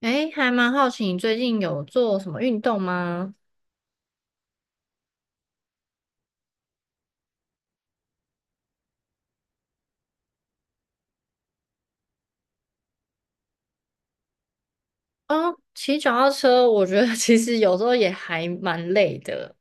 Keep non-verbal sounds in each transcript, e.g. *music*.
诶，还蛮好奇你最近有做什么运动吗？哦，骑脚踏车，我觉得 *laughs* 其实有时候也还蛮累的。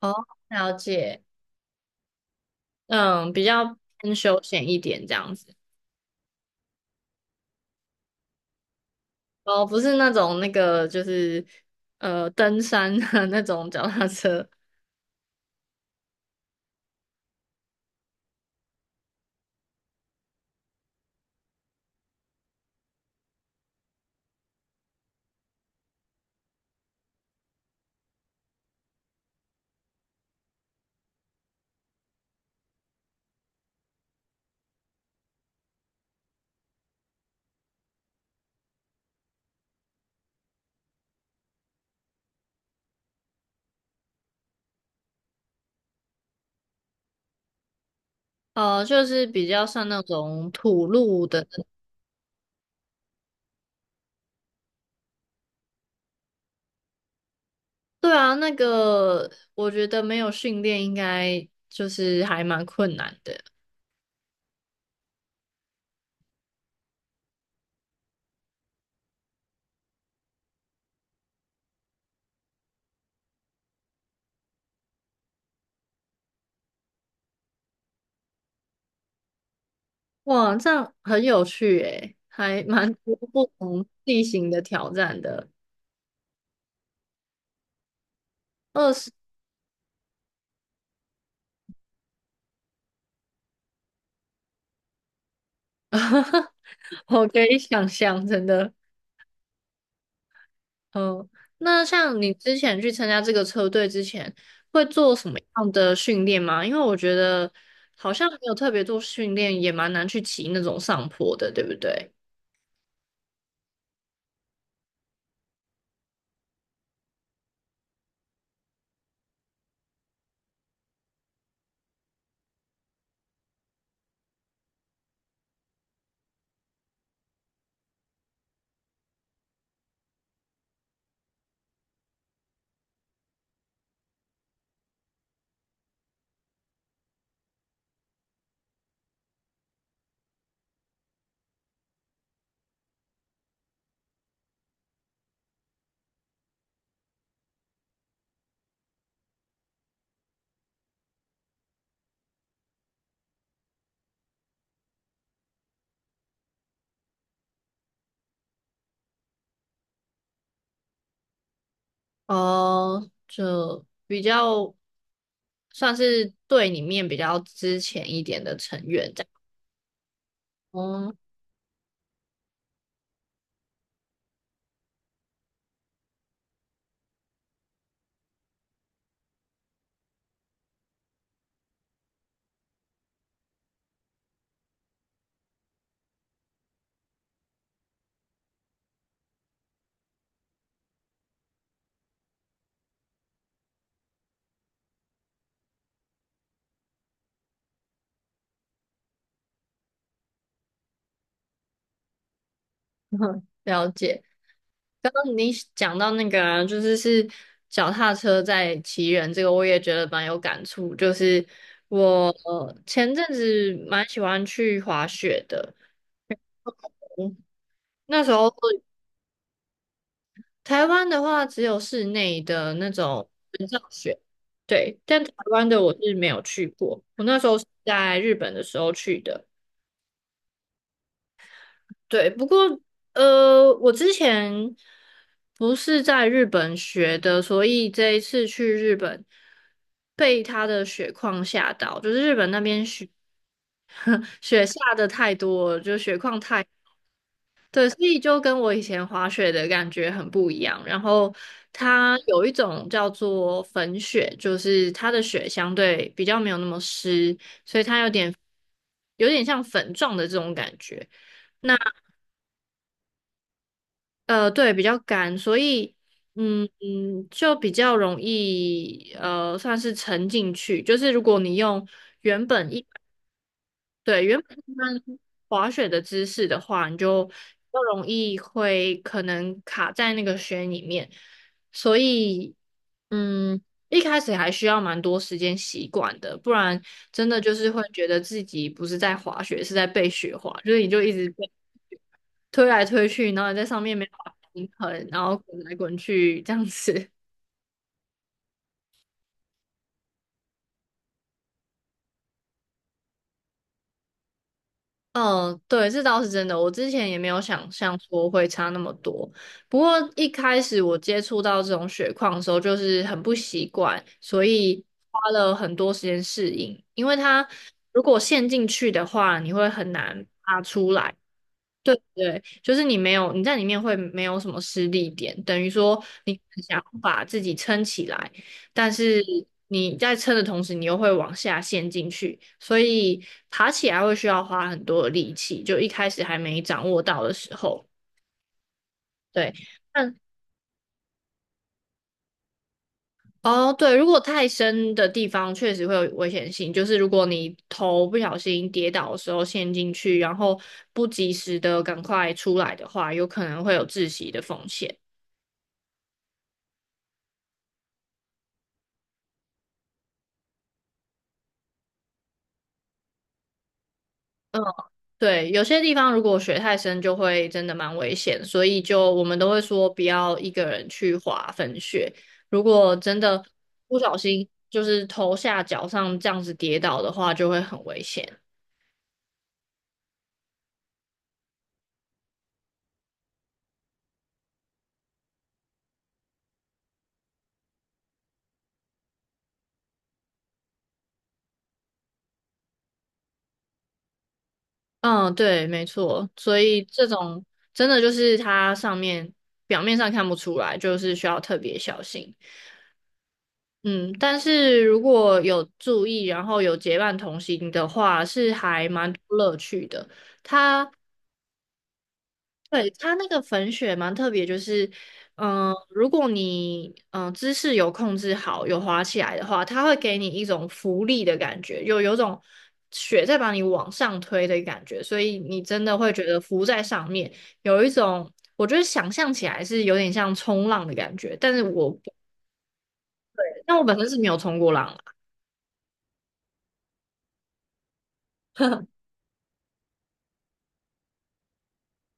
哦，了解。嗯，比较偏休闲一点这样子。哦，不是那种那个就是登山的 *laughs* 那种脚踏车，就是比较像那种土路的。对啊，那个我觉得没有训练应该就是还蛮困难的。哇，这样很有趣诶，还蛮多不同地形的挑战的。二十，*laughs* 我可以想象，真的。嗯，那像你之前去参加这个车队之前，会做什么样的训练吗？因为我觉得好像没有特别做训练，也蛮难去骑那种上坡的，对不对？哦，就比较算是队里面比较之前一点的成员这样。哦，*laughs* 了解。刚刚你讲到那个啊，就是脚踏车在骑人这个，我也觉得蛮有感触。就是我前阵子蛮喜欢去滑雪的。嗯，那时候台湾的话只有室内的那种水上雪。对，但台湾的我是没有去过。我那时候是在日本的时候去的。对，不过我之前不是在日本学的，所以这一次去日本被它的雪况吓到，就是日本那边雪 *laughs* 雪下的太多了，就雪况太，对，所以就跟我以前滑雪的感觉很不一样。然后它有一种叫做粉雪，就是它的雪相对比较没有那么湿，所以它有点像粉状的这种感觉。那对，比较干，所以嗯嗯，就比较容易算是沉进去。就是如果你用原本一对，原本一般滑雪的姿势的话，你就比较容易会可能卡在那个雪里面。所以嗯，一开始还需要蛮多时间习惯的，不然真的就是会觉得自己不是在滑雪，是在被雪滑，就是你就一直被。推来推去，然后你在上面没办法平衡，然后滚来滚去这样子。*laughs* 嗯，对，这倒是真的。我之前也没有想象说会差那么多。不过一开始我接触到这种雪况的时候，就是很不习惯，所以花了很多时间适应。因为它如果陷进去的话，你会很难爬出来。对对，就是你没有你在里面会没有什么失力点，等于说你想要把自己撑起来，但是你在撑的同时，你又会往下陷进去，所以爬起来会需要花很多的力气，就一开始还没掌握到的时候，对。但哦，对，如果太深的地方确实会有危险性，就是如果你头不小心跌倒的时候陷进去，然后不及时的赶快出来的话，有可能会有窒息的风险。嗯。对，有些地方如果水太深，就会真的蛮危险，所以就我们都会说不要一个人去滑粉雪。如果真的不小心就是头下脚上这样子跌倒的话，就会很危险。嗯，对，没错。所以这种真的就是它上面表面上看不出来，就是需要特别小心。嗯，但是如果有注意，然后有结伴同行的话，是还蛮多乐趣的。它对，它那个粉雪蛮特别，就是，嗯、如果你姿势有控制好，有滑起来的话，它会给你一种浮力的感觉，有种雪在把你往上推的感觉，所以你真的会觉得浮在上面，有一种我觉得想象起来是有点像冲浪的感觉，但我本身是没有冲过浪啊。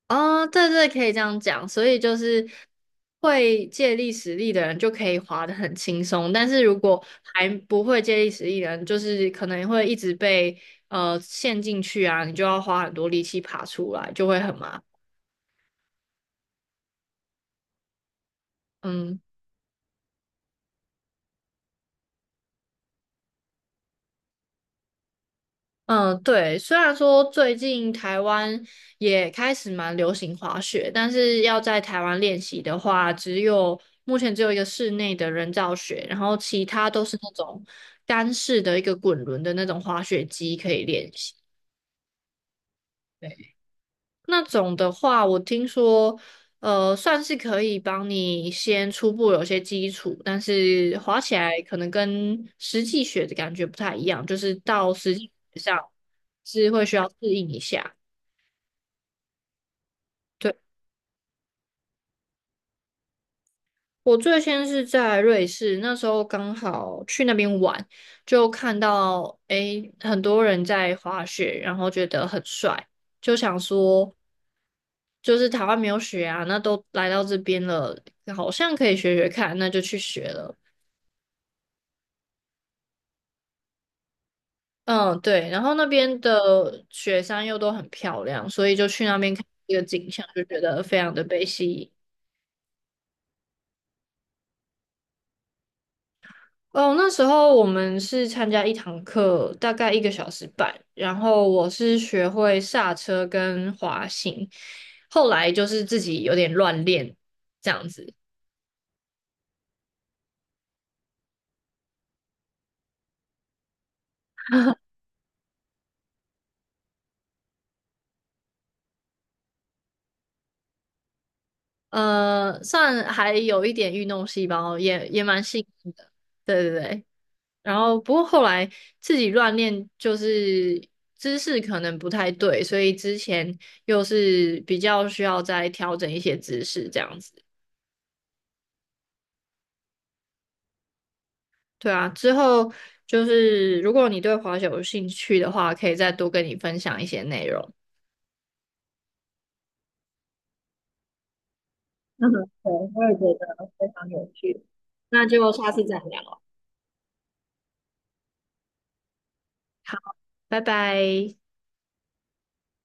哦，对对，可以这样讲。所以就是会借力使力的人就可以滑得很轻松，但是如果还不会借力使力的人，就是可能会一直被陷进去啊，你就要花很多力气爬出来，就会很麻烦。嗯。嗯，对，虽然说最近台湾也开始蛮流行滑雪，但是要在台湾练习的话，只有目前只有一个室内的人造雪，然后其他都是那种干式的一个滚轮的那种滑雪机可以练习。对，那种的话，我听说，算是可以帮你先初步有些基础，但是滑起来可能跟实际雪的感觉不太一样，就是到实际雪上是会需要适应一下。对，我最先是在瑞士，那时候刚好去那边玩，就看到诶很多人在滑雪，然后觉得很帅，就想说就是台湾没有雪啊，那都来到这边了，好像可以学学看，那就去学了。嗯，对，然后那边的雪山又都很漂亮，所以就去那边看这个景象，就觉得非常的被吸引。哦，那时候我们是参加一堂课，大概1个小时半，然后我是学会刹车跟滑行，后来就是自己有点乱练这样子。 *laughs*，算还有一点运动细胞，也蛮幸运的，对对对。然后不过后来自己乱练，就是姿势可能不太对，所以之前又是比较需要再调整一些姿势这样子。对啊，之后就是如果你对滑雪有兴趣的话，可以再多跟你分享一些内容。*laughs* 嗯，对，我也觉得非常有趣。那就下次再聊。好，拜拜。